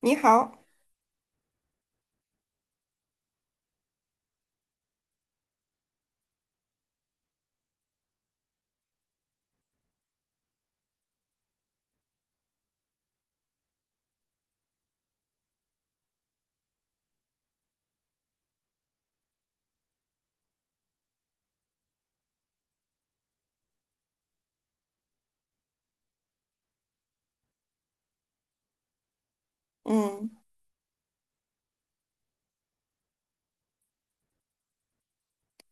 你好，嗯，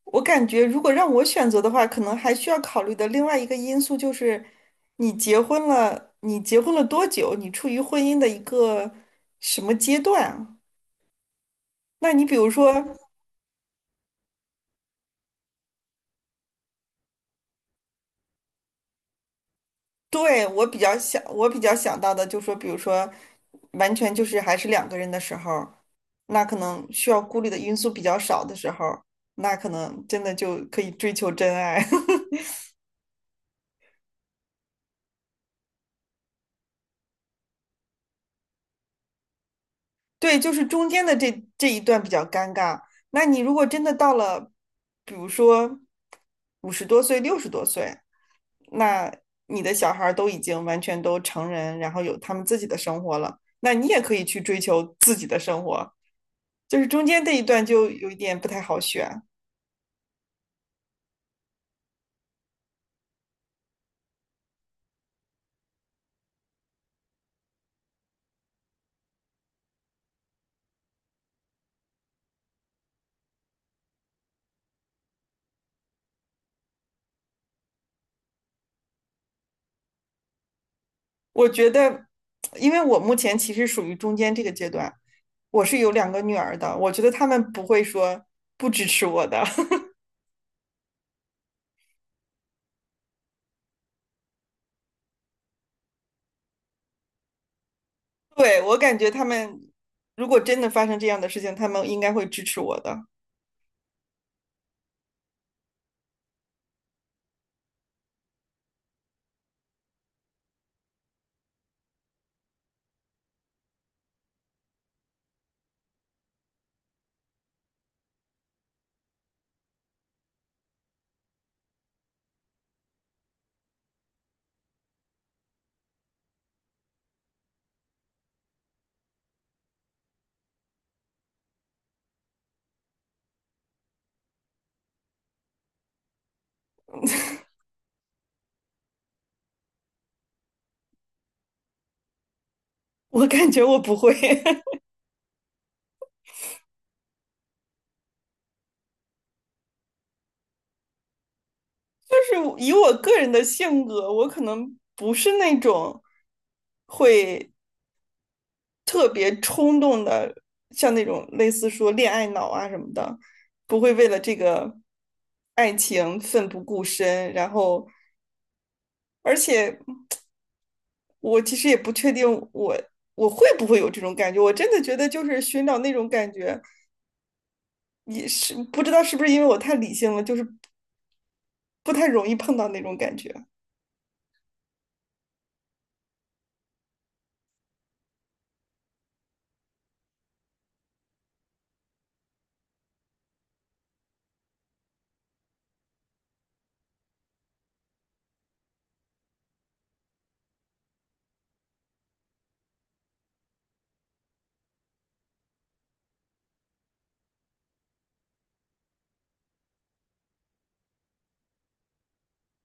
我感觉如果让我选择的话，可能还需要考虑的另外一个因素就是，你结婚了，多久？你处于婚姻的一个什么阶段啊。那你比如说，对，我比较想到的就是说，比如说，完全就是还是两个人的时候，那可能需要顾虑的因素比较少的时候，那可能真的就可以追求真爱。对，就是中间的这一段比较尴尬。那你如果真的到了，比如说五十多岁、六十多岁，那你的小孩儿都已经完全都成人，然后有他们自己的生活了，那你也可以去追求自己的生活。就是中间这一段就有一点不太好选。我觉得，因为我目前其实属于中间这个阶段，我是有两个女儿的，我觉得他们不会说不支持我的。对，我感觉他们如果真的发生这样的事情，他们应该会支持我的。我感觉我不会。就是以我个人的性格，我可能不是那种会特别冲动的，像那种类似说恋爱脑啊什么的，不会为了这个爱情奋不顾身。然后，而且我其实也不确定我我会不会有这种感觉，我真的觉得就是寻找那种感觉。也是不知道是不是因为我太理性了，就是不太容易碰到那种感觉。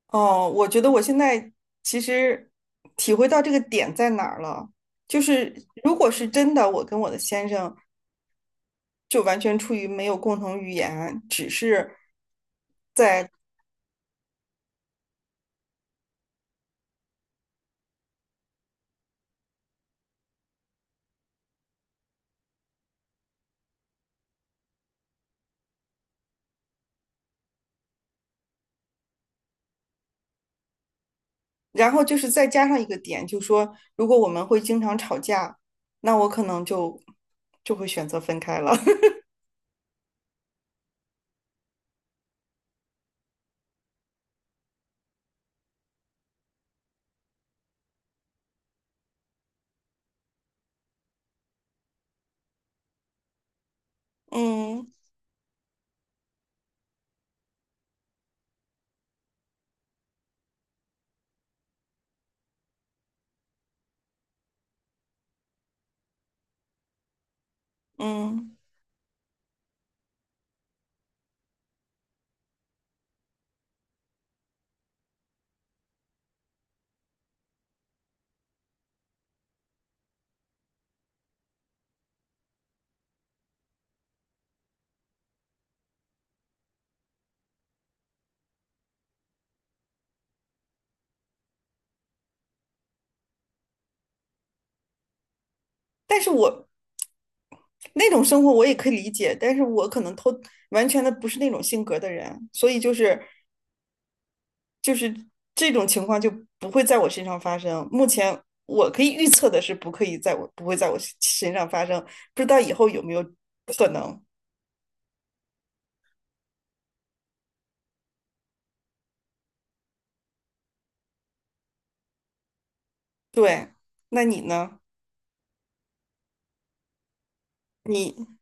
哦，我觉得我现在其实体会到这个点在哪儿了，就是如果是真的，我跟我的先生就完全出于没有共同语言，只是在，然后就是再加上一个点，就说如果我们会经常吵架，那我可能就会选择分开了。嗯嗯，但是我那种生活我也可以理解，但是我可能偷完全的不是那种性格的人，所以就是这种情况就不会在我身上发生。目前我可以预测的是，不可以在我不会在我身上发生，不知道以后有没有可能。对，那你呢？你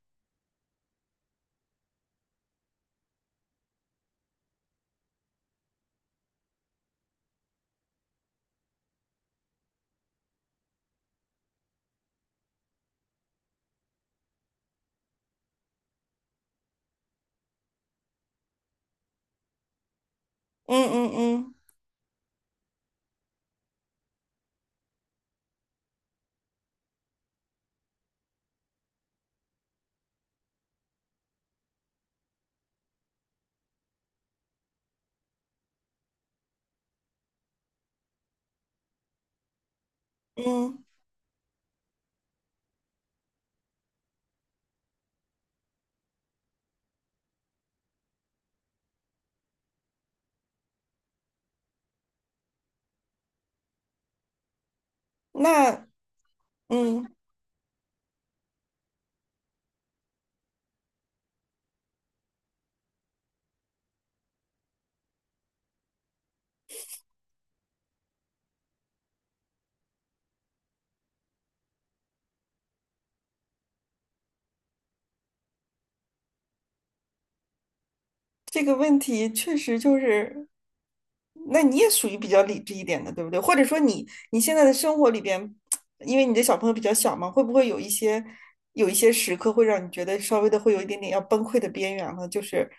嗯嗯嗯嗯，那嗯这个问题确实就是，那你也属于比较理智一点的，对不对？或者说你现在的生活里边，因为你的小朋友比较小嘛，会不会有一些时刻会让你觉得稍微的会有一点点要崩溃的边缘了？就是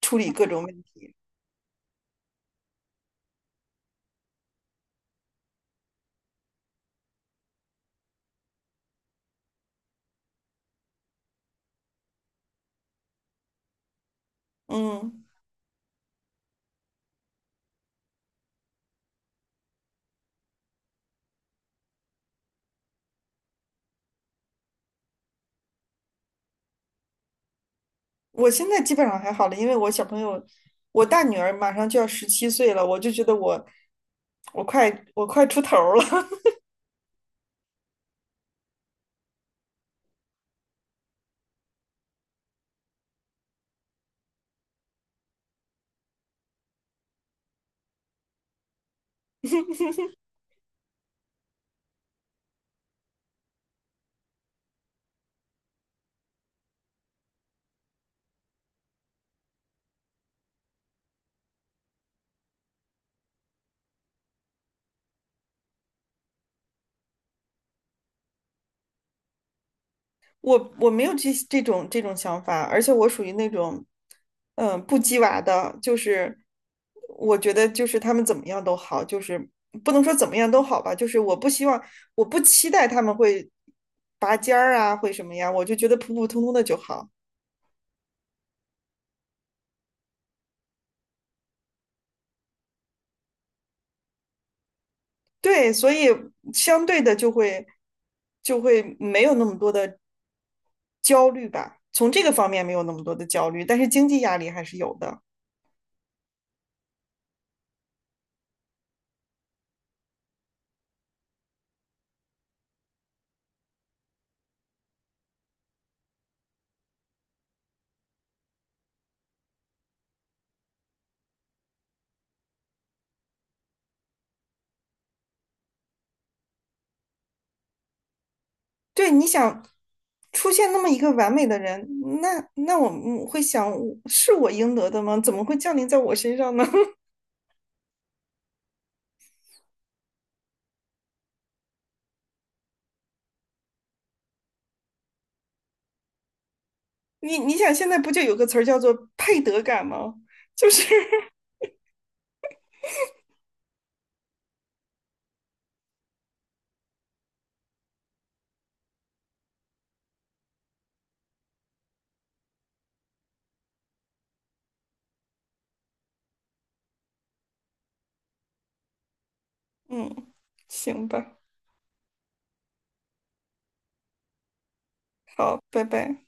处理各种问题。嗯，我现在基本上还好了，因为我小朋友，我大女儿马上就要17岁了，我就觉得我快出头儿了。我没有这种这种想法，而且我属于那种，不鸡娃的，就是我觉得就是他们怎么样都好，就是不能说怎么样都好吧，就是我不希望，我不期待他们会拔尖儿啊，会什么呀，我就觉得普普通通的就好。对，所以相对的就会没有那么多的焦虑吧，从这个方面没有那么多的焦虑，但是经济压力还是有的。对，你想出现那么一个完美的人，那我们会想，是我应得的吗？怎么会降临在我身上呢？你想，现在不就有个词儿叫做配得感吗？就是，嗯，行吧，好，拜拜。